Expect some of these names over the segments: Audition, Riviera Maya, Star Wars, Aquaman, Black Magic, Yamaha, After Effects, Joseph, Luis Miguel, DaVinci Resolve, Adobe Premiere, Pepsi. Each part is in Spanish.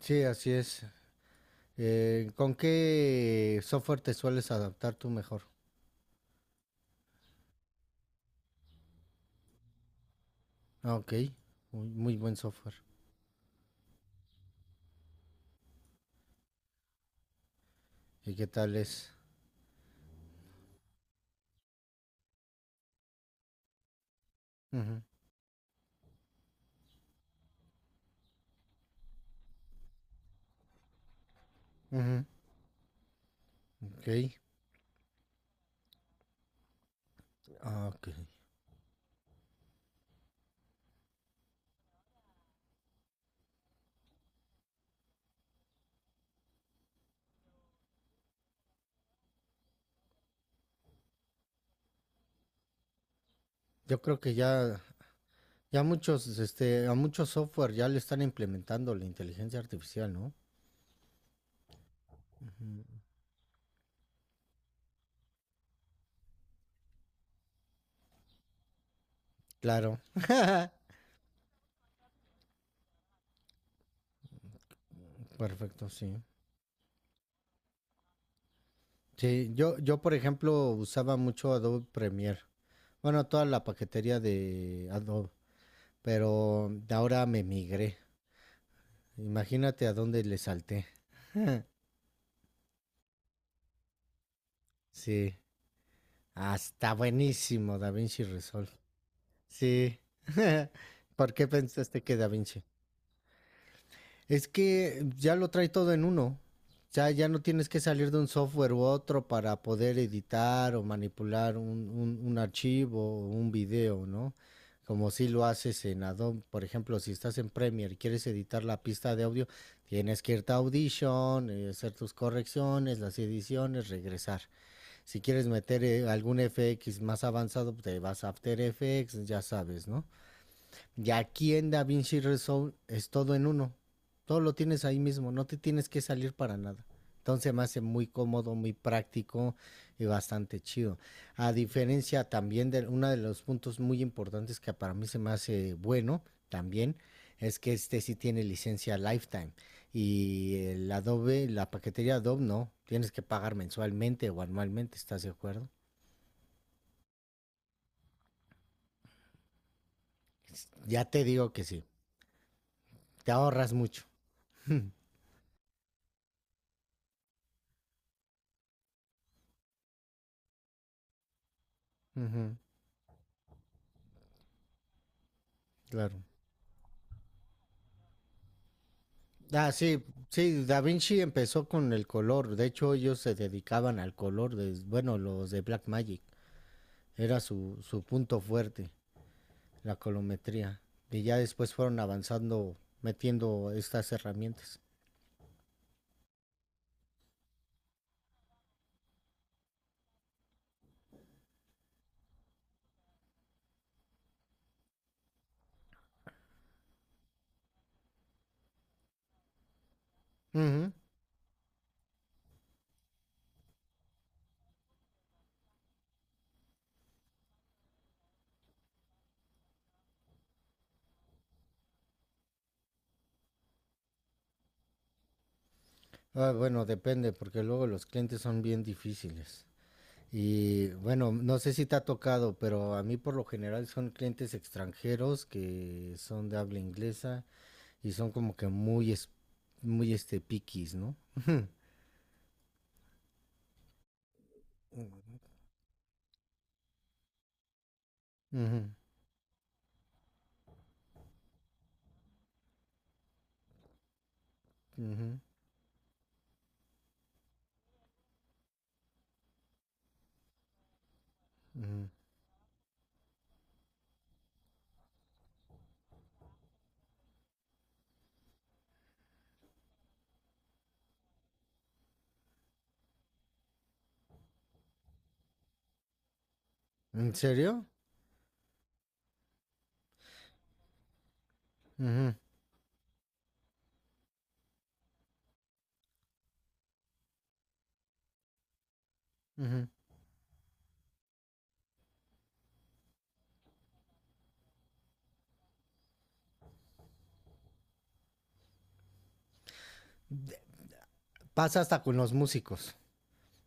Sí, así es. ¿Con qué software te sueles adaptar tú mejor? Ah, ok. Muy, muy buen software. ¿Y qué tal es? Ujú, ujú, ok. Ah, ok. Yo creo que ya, ya muchos, este, a muchos software ya le están implementando la inteligencia artificial, ¿no? Claro. Perfecto, sí. Sí, yo por ejemplo usaba mucho Adobe Premiere. Bueno, toda la paquetería de Adobe, pero de ahora me migré. Imagínate a dónde le salté. Sí. Hasta buenísimo, Da Vinci Resolve. Sí. ¿Por qué pensaste que Da Vinci? Es que ya lo trae todo en uno. Ya, ya no tienes que salir de un software u otro para poder editar o manipular un archivo o un video, ¿no? Como si lo haces en Adobe. Por ejemplo, si estás en Premiere y quieres editar la pista de audio, tienes que irte a Audition, hacer tus correcciones, las ediciones, regresar. Si quieres meter algún FX más avanzado, pues, te vas a After Effects, ya sabes, ¿no? Y aquí en DaVinci Resolve es todo en uno. Todo lo tienes ahí mismo, no te tienes que salir para nada. Entonces me hace muy cómodo, muy práctico y bastante chido. A diferencia también de uno de los puntos muy importantes que para mí se me hace bueno también, es que este sí tiene licencia lifetime. Y el Adobe, la paquetería Adobe no, tienes que pagar mensualmente o anualmente, ¿estás de acuerdo? Ya te digo que sí, te ahorras mucho. Uh -huh, claro. Ah, sí, sí, Da Vinci empezó con el color. De hecho, ellos se dedicaban al color de, bueno, los de Black Magic. Era su punto fuerte, la colometría. Y ya después fueron avanzando, metiendo estas herramientas. Ujú. Ah, bueno, depende, porque luego los clientes son bien difíciles. Y bueno, no sé si te ha tocado, pero a mí por lo general son clientes extranjeros que son de habla inglesa y son como que muy, muy este piquis, ¿no? Ujú, ujú, ujú. ¿En serio? Ujú, ujú. Pasa hasta con los músicos.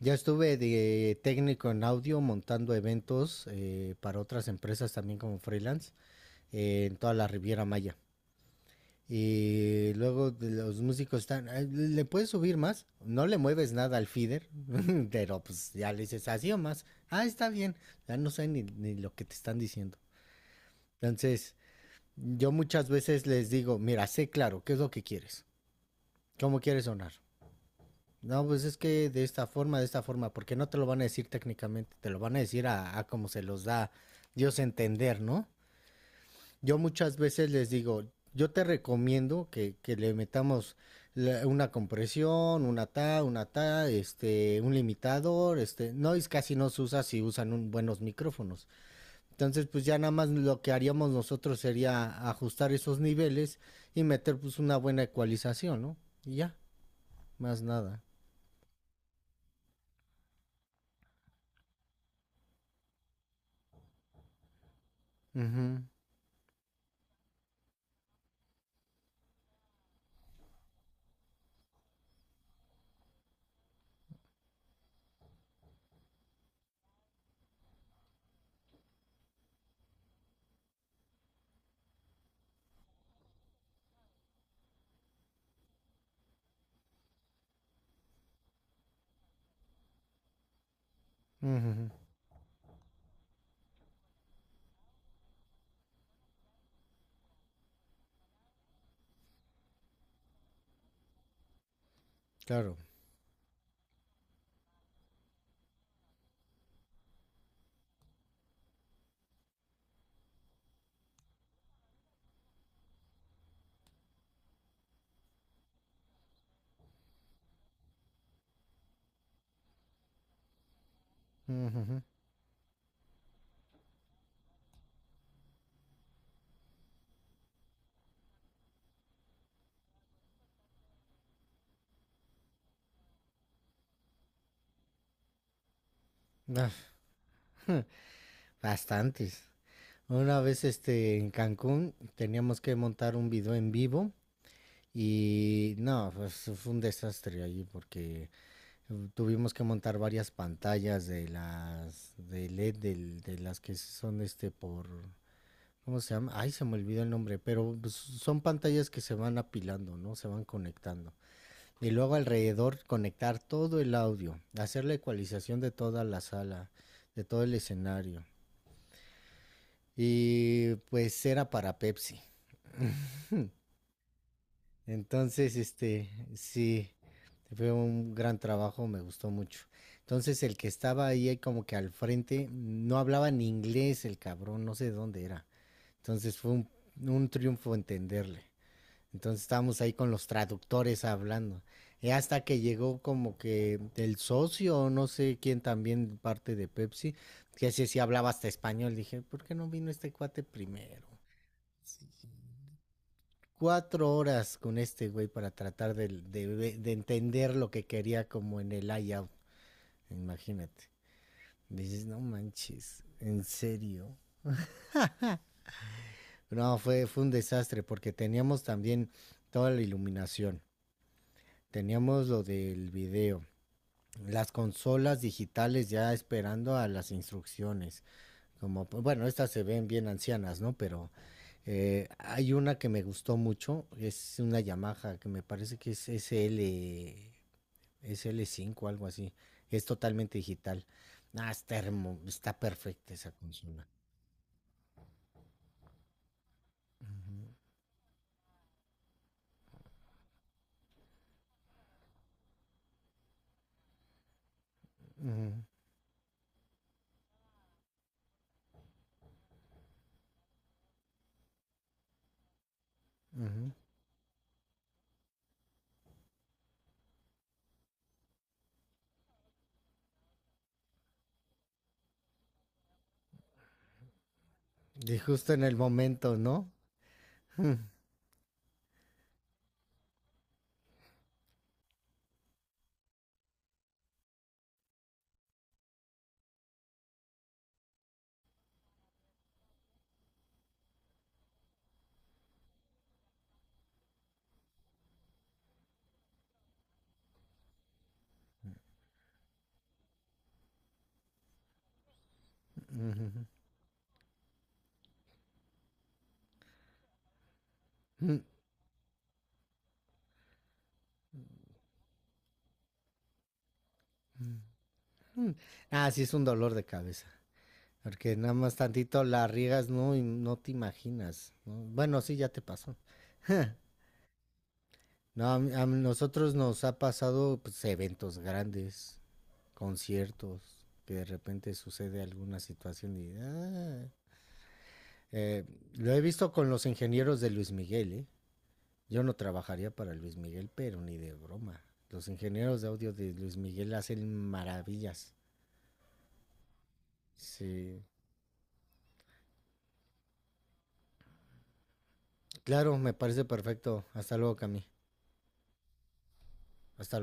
Ya estuve de técnico en audio montando eventos para otras empresas también como freelance en toda la Riviera Maya. Y luego de los músicos están, "Ay, ¿le puedes subir más? No le mueves nada al feeder, pero pues ya le dices así o más. Ah, está bien. Ya no sé ni lo que te están diciendo. Entonces, yo muchas veces les digo, mira, sé claro, ¿qué es lo que quieres? ¿Cómo quieres sonar? No, pues es que de esta forma, porque no te lo van a decir técnicamente, te lo van a decir a como se los da Dios a entender, ¿no? Yo muchas veces les digo, yo te recomiendo que le metamos una compresión, una ta, este, un limitador, este, no es casi no se usa si usan buenos micrófonos. Entonces, pues ya nada más lo que haríamos nosotros sería ajustar esos niveles y meter pues una buena ecualización, ¿no? Y ya, más nada. Ujú, ujujú, claro. Ujujú. Ah, bastantes. Una vez este en Cancún teníamos que montar un video en vivo y no, pues, fue un desastre allí porque tuvimos que montar varias pantallas de las de LED de, las que son este por ¿cómo se llama? Ay, se me olvidó el nombre, pero pues, son pantallas que se van apilando, ¿no? Se van conectando. Y luego alrededor conectar todo el audio, hacer la ecualización de toda la sala, de todo el escenario. Y pues era para Pepsi. Entonces, este, sí, fue un gran trabajo, me gustó mucho. Entonces el que estaba ahí ahí como que al frente no hablaba ni inglés el cabrón, no sé de dónde era. Entonces fue un triunfo entenderle. Entonces estábamos ahí con los traductores hablando. Y hasta que llegó como que el socio, no sé quién también parte de Pepsi, que así sí hablaba hasta español. Dije, ¿por qué no vino este cuate primero? Cuatro horas con este güey para tratar de entender lo que quería como en el layout. Imagínate. Dices, no manches, en serio. No, fue un desastre porque teníamos también toda la iluminación. Teníamos lo del video, las consolas digitales ya esperando a las instrucciones. Como, pues, bueno, estas se ven bien ancianas, ¿no? Pero hay una que me gustó mucho, es una Yamaha que me parece que es SL, SL5 algo así. Es totalmente digital. Ah, está perfecta esa consola. Ujú, ujú. Y justo en el momento, ¿no? Ujú. Mm. Ah, sí, es un dolor de cabeza. Porque nada más tantito la riegas, no, y no te imaginas. ¿No? Bueno, sí, ya te pasó. No, a nosotros nos ha pasado pues, eventos grandes, conciertos, que de repente sucede alguna situación y... ah. Eh, lo he visto con los ingenieros de Luis Miguel, ¿eh? Yo no trabajaría para Luis Miguel, pero ni de broma. Los ingenieros de audio de Luis Miguel hacen maravillas. Sí. Claro, me parece perfecto. Hasta luego, Cami. Hasta